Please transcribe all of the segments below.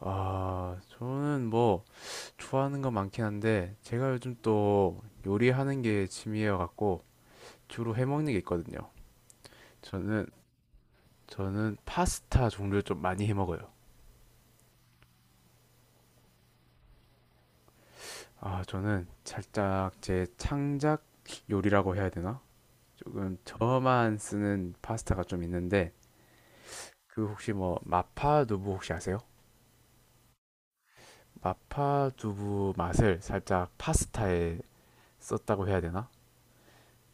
아, 저는 뭐 좋아하는 거 많긴 한데 제가 요즘 또 요리하는 게 취미여 갖고 주로 해 먹는 게 있거든요. 저는 저는 파스타 종류를 좀 많이 해 먹어요. 아, 저는 살짝 제 창작 요리라고 해야 되나? 조금 저만 쓰는 파스타가 좀 있는데 그 혹시 뭐 마파 두부 혹시 아세요? 마파 두부 맛을 살짝 파스타에 썼다고 해야 되나?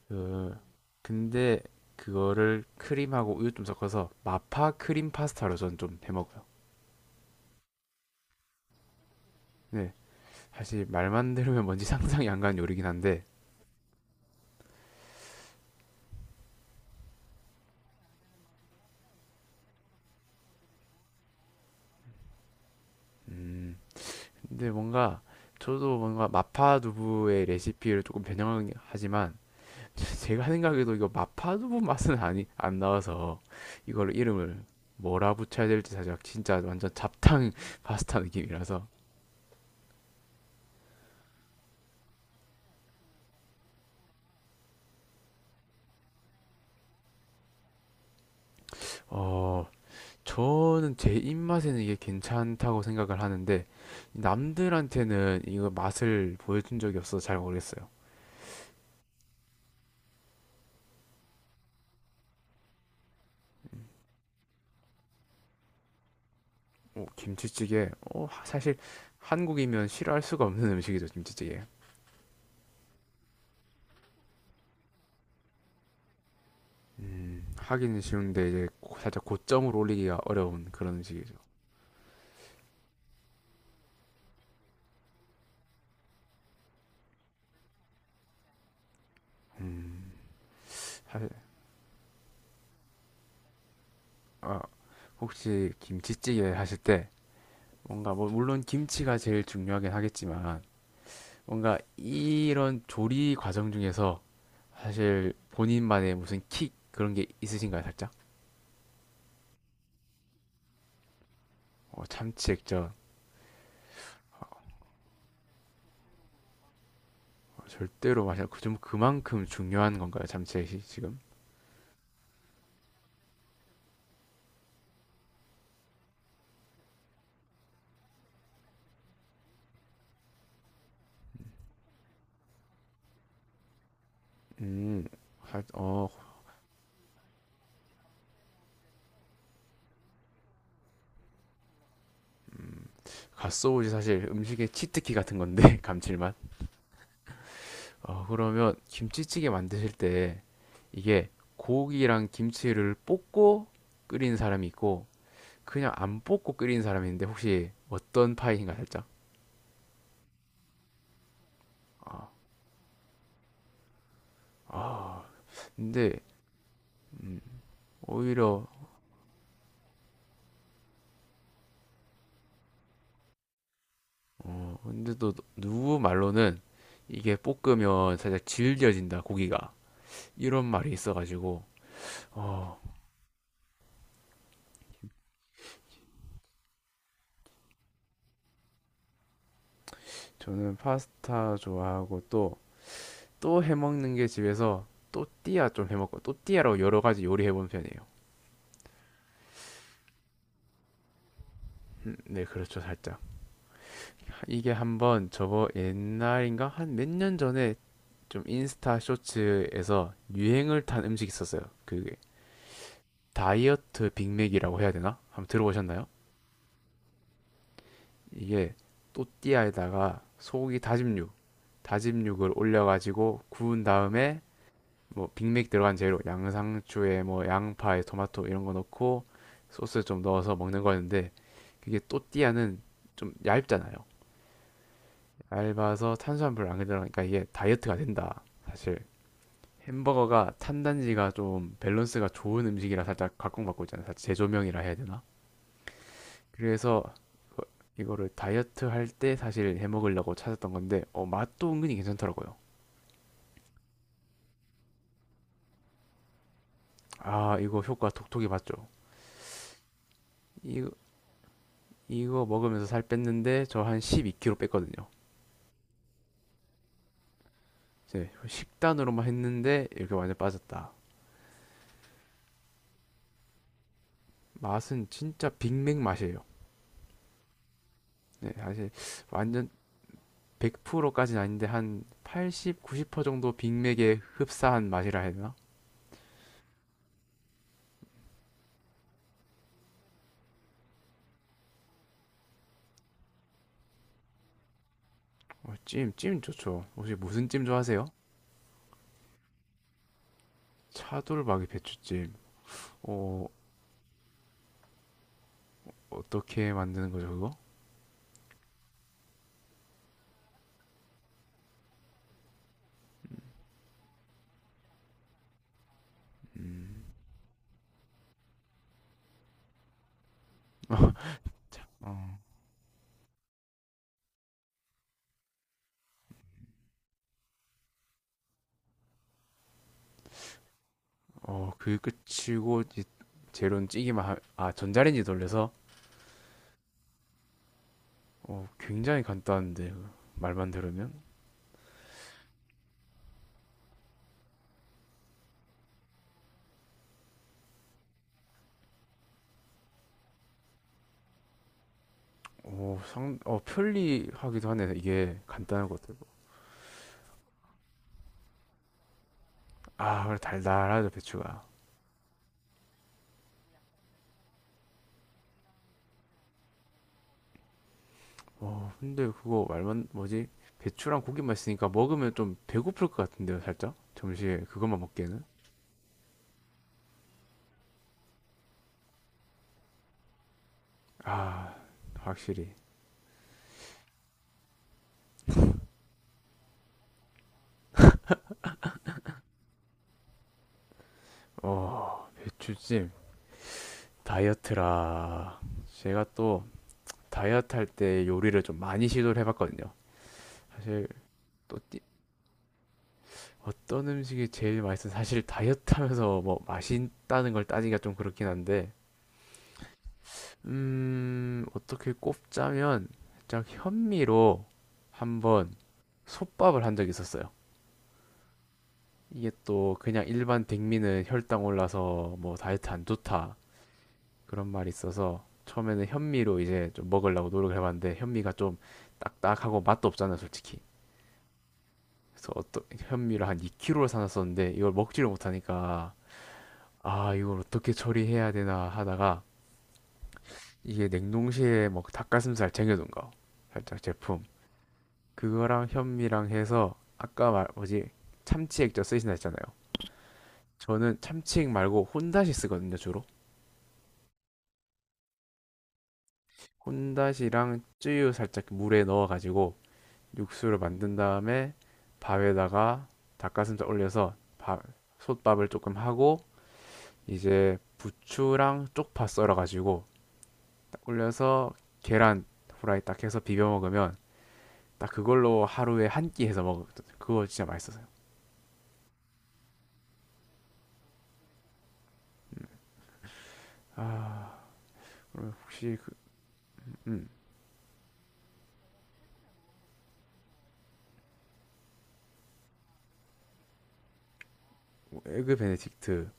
그 근데 그거를 크림하고 우유 좀 섞어서 마파 크림 파스타로 전 좀 해 먹어요. 네, 사실 말만 들으면 뭔지 상상이 안 가는 요리긴 한데, 근데 뭔가 저도 뭔가 마파 두부의 레시피를 조금 변형하지만 제가 생각해도 이거 마파 두부 맛은 아니 안 나와서 이걸 이름을 뭐라 붙여야 될지 사실 진짜 완전 잡탕 파스타 느낌이라서 어 저는 제 입맛에는 이게 괜찮다고 생각을 하는데 남들한테는 이거 맛을 보여준 적이 없어서 잘 모르겠어요. 음. 어, 김치찌개. 어, 사실 한국이면 싫어할 수가 없는 음식이죠, 김치찌개. 하기는 쉬운데 이제 살짝 고점을 올리기가 어려운 그런 음식이죠. 음, 사실 아, 혹시 김치찌개 하실 때 뭔가 뭐 물론 김치가 제일 중요하긴 하겠지만 뭔가 이런 조리 과정 중에서 사실 본인만의 무슨 킥 그런 게 있으신가요, 살짝? 어, 참치액젓. 어, 절대로 마셔. 그좀 그만큼 중요한 건가요, 참치액이 지금? 음, 어, 갓소우지 사실 음식의 치트키 같은 건데 감칠맛. 어, 그러면 김치찌개 만드실 때 이게 고기랑 김치를 볶고 끓인 사람이 있고 그냥 안 볶고 끓인 사람이 있는데 혹시 어떤 파이신가 살짝? 아, 근데 오히려 어 근데 또 누구 말로는 이게 볶으면 살짝 질겨진다 고기가 이런 말이 있어가지고 어 저는 파스타 좋아하고 또 또 해먹는 게 집에서 또띠아 좀 해먹고 또띠아로 여러 가지 요리해본 편이에요. 네 그렇죠 살짝 이게 한번 저거 옛날인가 한 몇 년 전에 좀 인스타 쇼츠에서 유행을 탄 음식이 있었어요. 그게 다이어트 빅맥이라고 해야 되나? 한번 들어보셨나요? 이게 또띠아에다가 소고기 다짐육, 다짐육을 올려가지고 구운 다음에 뭐 빅맥 들어간 재료, 양상추에 뭐 양파에 토마토 이런 거 넣고 소스 좀 넣어서 먹는 거였는데 그게 또띠아는 좀 얇잖아요. 얇아서 탄수화물 안 들어가니까 이게 다이어트가 된다. 사실 햄버거가 탄단지가 좀 밸런스가 좋은 음식이라 살짝 각광받고 있잖아요. 사실 재조명이라 해야 되나? 그래서 이거를 다이어트 할 때 사실 해 먹으려고 찾았던 건데 어, 맛도 은근히 괜찮더라고요. 아, 이거 효과 톡톡이 봤죠. 이거 이거 먹으면서 살 뺐는데 저 한 12kg 뺐거든요. 이제 식단으로만 했는데 이렇게 완전 빠졌다. 맛은 진짜 빅맥 맛이에요. 네, 사실 완전 100%까지는 아닌데 한 80, 90% 정도 빅맥에 흡사한 맛이라 해야 되나? 어, 찜 좋죠. 혹시 무슨 찜 좋아하세요? 차돌박이 배추찜. 어, 어떻게 만드는 거죠, 그거? 음, 어, 어, 그 끝이고 이제 재료는 아, 전자레인지 돌려서 어, 굉장히 간단한데 말만 들으면 오, 상, 어, 편리하기도 하네. 이게 간단한 것들. 아, 그래, 달달하죠, 배추가. 어, 근데 그거 말만 뭐지? 배추랑 고기만 있으니까 먹으면 좀 배고플 것 같은데요, 살짝? 점심에 그것만 먹기에는. 아, 확실히. 어, 배추찜 다이어트라. 제가 또 다이어트 할 때 요리를 좀 많이 시도를 해봤거든요. 사실 또 띠- 어떤 음식이 제일 맛있어? 사실 다이어트 하면서 뭐 맛있다는 걸 따지기가 좀 그렇긴 한데, 어떻게 꼽자면 살짝 현미로 한번 솥밥을 한 적이 있었어요. 이게 또 그냥 일반 백미는 혈당 올라서 뭐 다이어트 안 좋다 그런 말이 있어서 처음에는 현미로 이제 좀 먹으려고 노력을 해봤는데 현미가 좀 딱딱하고 맛도 없잖아요, 솔직히. 그래서 어떤 현미를 한 2kg를 사놨었는데 이걸 먹지를 못하니까 아 이걸 어떻게 처리해야 되나 하다가 이게 냉동실에 뭐 닭가슴살 쟁여둔 거 살짝 제품 그거랑 현미랑 해서 아까 말 뭐지 참치 액젓 쓰신다 했잖아요. 저는 참치 액 말고 혼다시 쓰거든요 주로 혼다시랑 쯔유 살짝 물에 넣어가지고 육수를 만든 다음에 밥에다가 닭가슴살 올려서 밥 솥밥을 조금 하고 이제 부추랑 쪽파 썰어가지고 딱 올려서 계란 후라이 딱 해서 비벼 먹으면 딱 그걸로 하루에 한 끼 해서 먹어 그거 진짜 맛있었어요. 아그 혹시 그, 음, 뭐 에그 베네딕트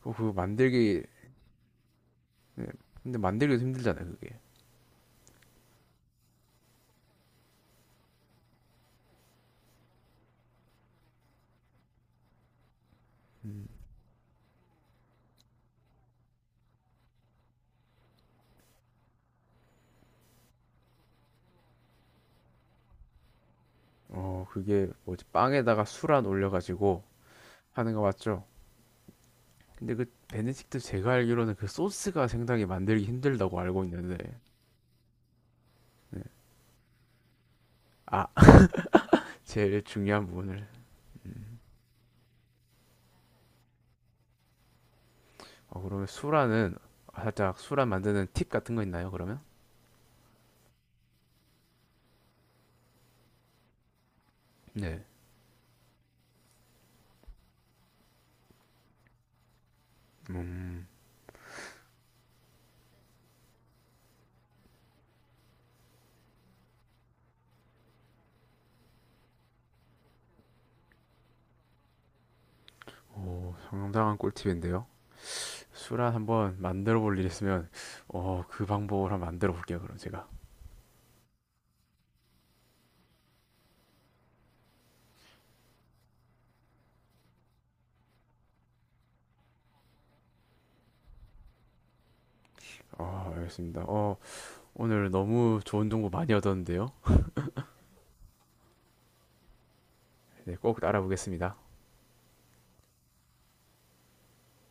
그거 만들기 네, 근데 만들기도 힘들잖아요 그게. 음, 어 그게 뭐지 빵에다가 수란 올려가지고 하는 거 맞죠? 근데 그 베네딕트 제가 알기로는 그 소스가 생각이 만들기 힘들다고 알고 있는데 네. 아 제일 중요한 부분을 어, 그러면 수라는 아, 살짝 수라 만드는 팁 같은 거 있나요, 그러면? 네. 음, 오, 상당한 꿀팁인데요. 수란 한번 만들어 볼 일 있으면, 어, 그 방법을 한번 만들어 볼게요, 그럼 제가. 어, 알겠습니다. 어, 오늘 너무 좋은 정보 많이 얻었는데요. 네, 꼭 따라 보겠습니다.